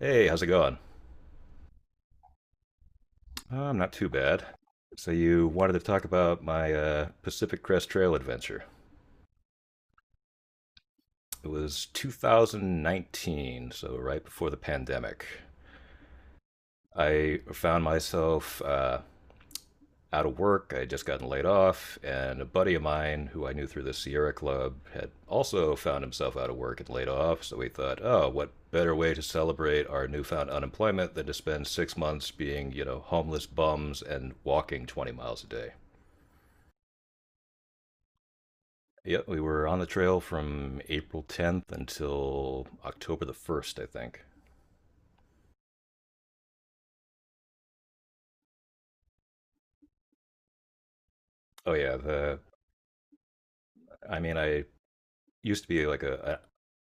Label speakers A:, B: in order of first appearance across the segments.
A: Hey, how's it going? I'm not too bad. So you wanted to talk about my Pacific Crest Trail adventure. It was 2019, so right before the pandemic. I found myself out of work. I had just gotten laid off, and a buddy of mine who I knew through the Sierra Club had also found himself out of work and laid off. So we thought, oh, what better way to celebrate our newfound unemployment than to spend 6 months being homeless bums and walking 20 miles a day? Yeah, we were on the trail from April 10th until October the 1st, I think. Oh yeah, the I mean I used to be like a,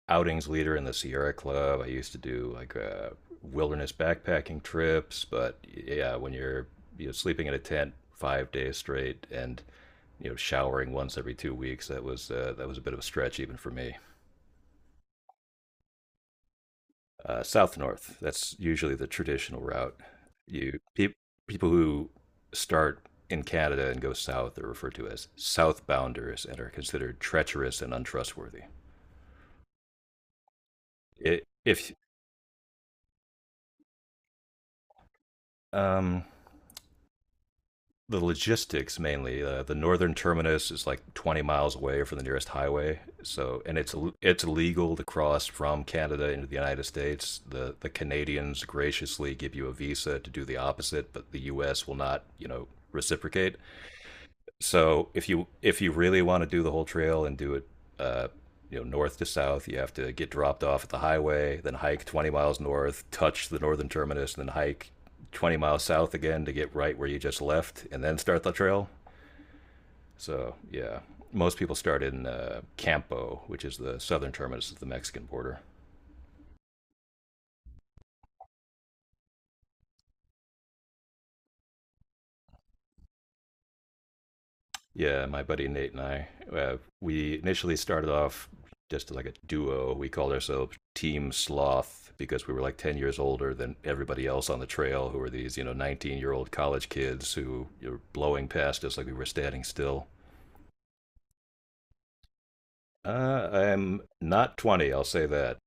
A: a outings leader in the Sierra Club. I used to do like wilderness backpacking trips, but yeah, when you're sleeping in a tent 5 days straight and showering once every 2 weeks, that was a bit of a stretch even for me. South north. That's usually the traditional route. You pe- people who start in Canada and go south are referred to as southbounders and are considered treacherous and untrustworthy. It, if um, the logistics mainly, the northern terminus is like 20 miles away from the nearest highway. So, and it's illegal to cross from Canada into the United States. The Canadians graciously give you a visa to do the opposite, but the U.S. will not reciprocate. So if you really want to do the whole trail and do it, uh, north to south, you have to get dropped off at the highway, then hike 20 miles north, touch the northern terminus, and then hike 20 miles south again to get right where you just left, and then start the trail. So yeah, most people start in Campo, which is the southern terminus of the Mexican border. Yeah, my buddy Nate and I, we initially started off just like a duo. We called ourselves Team Sloth because we were like 10 years older than everybody else on the trail, who were these, 19-year-old college kids who were blowing past us like we were standing still. I'm not 20, I'll say that.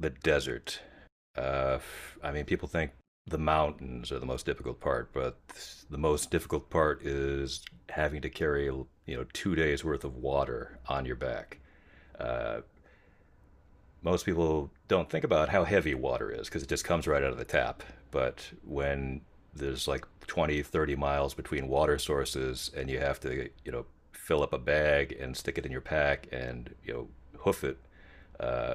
A: The desert. Uh, I mean, people think the mountains are the most difficult part, but the most difficult part is having to carry, 2 days worth of water on your back. Most people don't think about how heavy water is because it just comes right out of the tap. But when there's like 20, 30 miles between water sources and you have to fill up a bag and stick it in your pack and hoof it uh,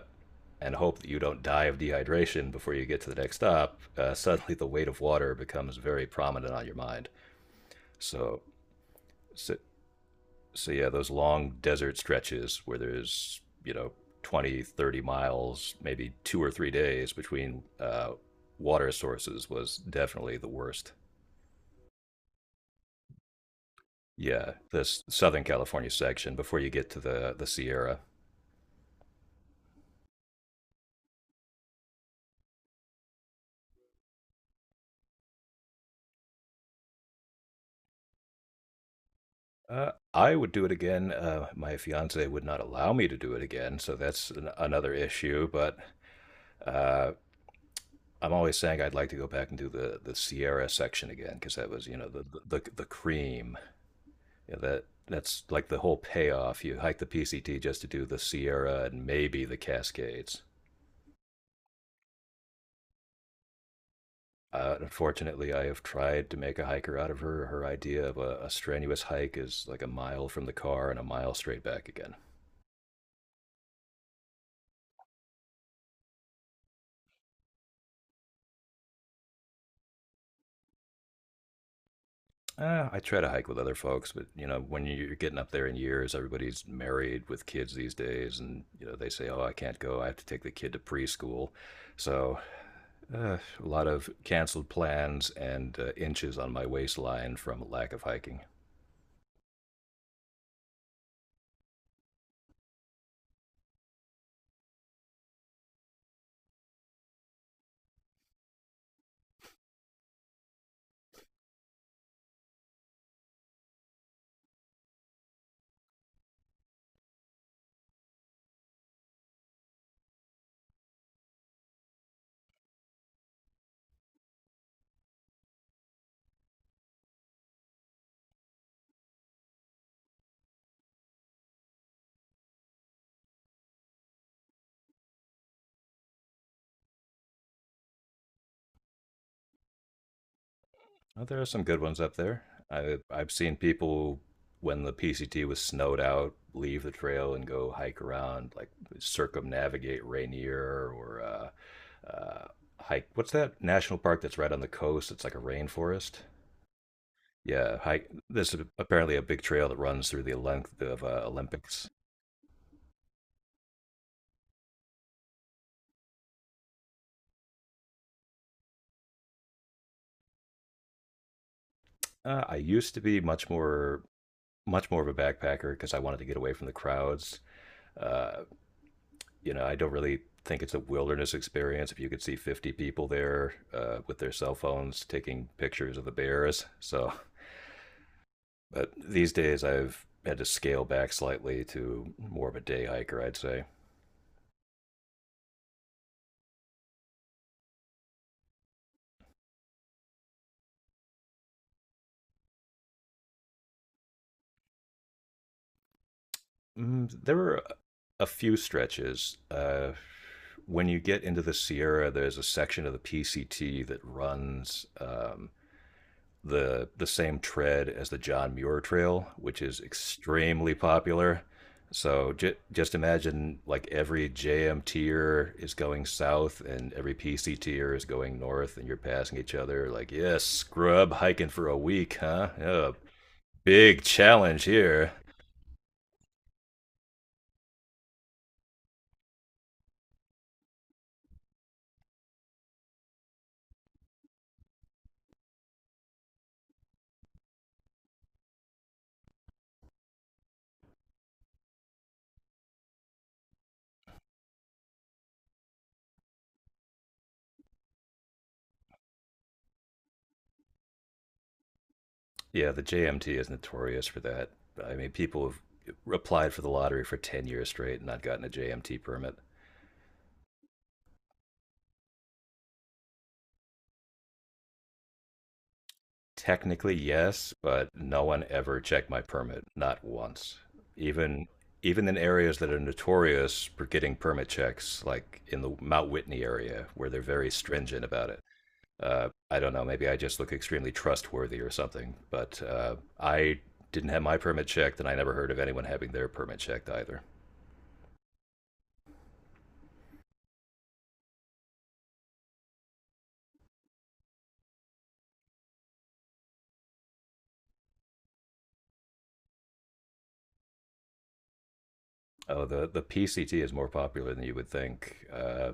A: and hope that you don't die of dehydration before you get to the next stop, suddenly the weight of water becomes very prominent on your mind. So, so so yeah, those long desert stretches where there's, 20, 30 miles, maybe 2 or 3 days between water sources was definitely the worst. Yeah, this Southern California section before you get to the Sierra. I would do it again. My fiance would not allow me to do it again, so that's another issue. But uh, I'm always saying I'd like to go back and do the Sierra section again because that was, you know, the cream. Yeah, that's like the whole payoff. You hike the PCT just to do the Sierra and maybe the Cascades. Unfortunately, I have tried to make a hiker out of her. Her idea of a strenuous hike is like a mile from the car and a mile straight back again. I try to hike with other folks, but when you're getting up there in years, everybody's married with kids these days, and they say, "Oh, I can't go. I have to take the kid to preschool." So, uh, a lot of canceled plans and inches on my waistline from lack of hiking. Well, there are some good ones up there. I've seen people when the PCT was snowed out leave the trail and go hike around, like circumnavigate Rainier or hike. What's that national park that's right on the coast? It's like a rainforest. Yeah, hike. This is apparently a big trail that runs through the length of Olympics. I used to be much more of a backpacker because I wanted to get away from the crowds. Uh, I don't really think it's a wilderness experience if you could see 50 people there with their cell phones taking pictures of the bears. So, but these days I've had to scale back slightly to more of a day hiker, I'd say. Mm, there were a few stretches. When you get into the Sierra, there's a section of the PCT that runs the same tread as the John Muir Trail, which is extremely popular. So just imagine like every JM tier is going south and every PC tier is going north, and you're passing each other. Like, yes, yeah, scrub hiking for a week, huh? Yeah, big challenge here. Yeah, the JMT is notorious for that. I mean, people have applied for the lottery for 10 years straight and not gotten a JMT permit. Technically, yes, but no one ever checked my permit, not once. Even even in areas that are notorious for getting permit checks, like in the Mount Whitney area, where they're very stringent about it. I don't know, maybe I just look extremely trustworthy or something, but I didn't have my permit checked, and I never heard of anyone having their permit checked either. Oh, the PCT is more popular than you would think.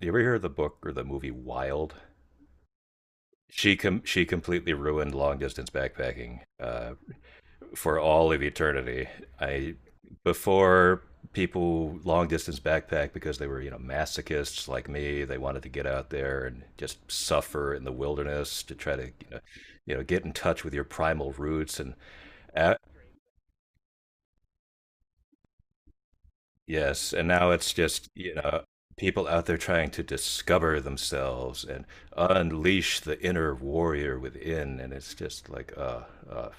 A: You ever hear of the book or the movie Wild? She completely ruined long distance backpacking for all of eternity. I before people long distance backpack because they were masochists like me. They wanted to get out there and just suffer in the wilderness to try to get in touch with your primal roots. A- Yes, and now it's just people out there trying to discover themselves and unleash the inner warrior within, and it's just like, uh,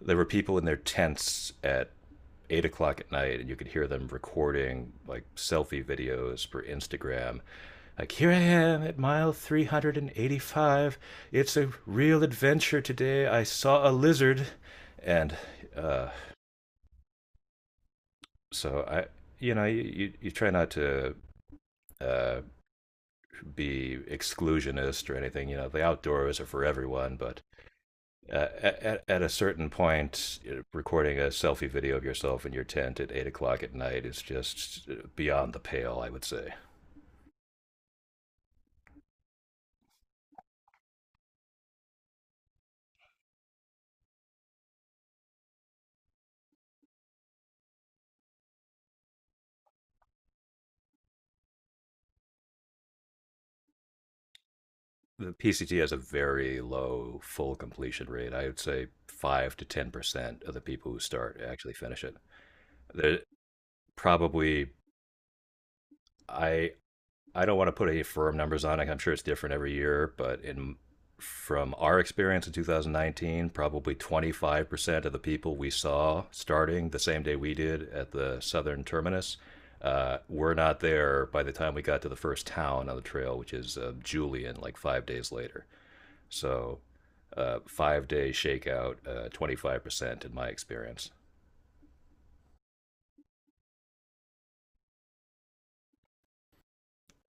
A: there were people in their tents at 8 o'clock at night, and you could hear them recording like selfie videos for Instagram. Like, here I am at mile 385. It's a real adventure today. I saw a lizard. And uh, so I, you know, you try not to uh, be exclusionist or anything. The outdoors are for everyone, but at a certain point, recording a selfie video of yourself in your tent at 8 o'clock at night is just beyond the pale, I would say. The PCT has a very low full completion rate. I would say 5 to 10% of the people who start actually finish it. There probably I I don't want to put any firm numbers on it. I'm sure it's different every year, but in from our experience in 2019, probably 25% of the people we saw starting the same day we did at the southern terminus were not there by the time we got to the first town on the trail, which is Julian, like 5 days later. So, 5 day shakeout, 25% in my experience.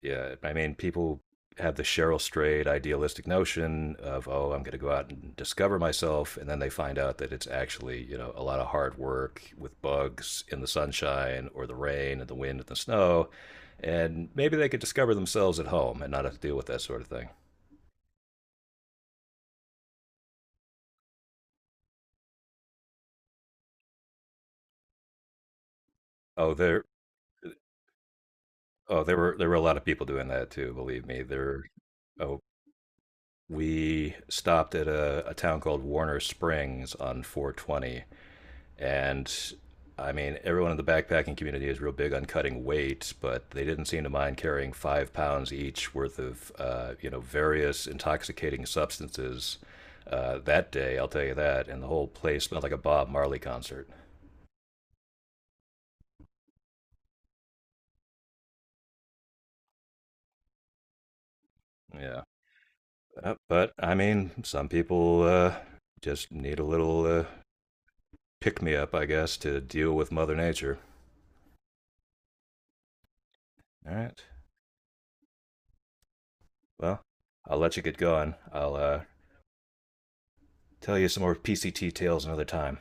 A: Yeah, I mean, people have the Cheryl Strayed idealistic notion of, oh, I'm going to go out and discover myself, and then they find out that it's actually, a lot of hard work with bugs in the sunshine or the rain and the wind and the snow, and maybe they could discover themselves at home and not have to deal with that sort of thing. Oh, there, oh, there were a lot of people doing that too. Believe me, there. Oh, we stopped at a town called Warner Springs on 420. And I mean, everyone in the backpacking community is real big on cutting weight, but they didn't seem to mind carrying 5 pounds each worth of various intoxicating substances that day. I'll tell you that. And the whole place smelled like a Bob Marley concert. Yeah. But I mean, some people just need a little pick me up, I guess, to deal with Mother Nature. All right. Well, I'll let you get going. I'll tell you some more PCT tales another time.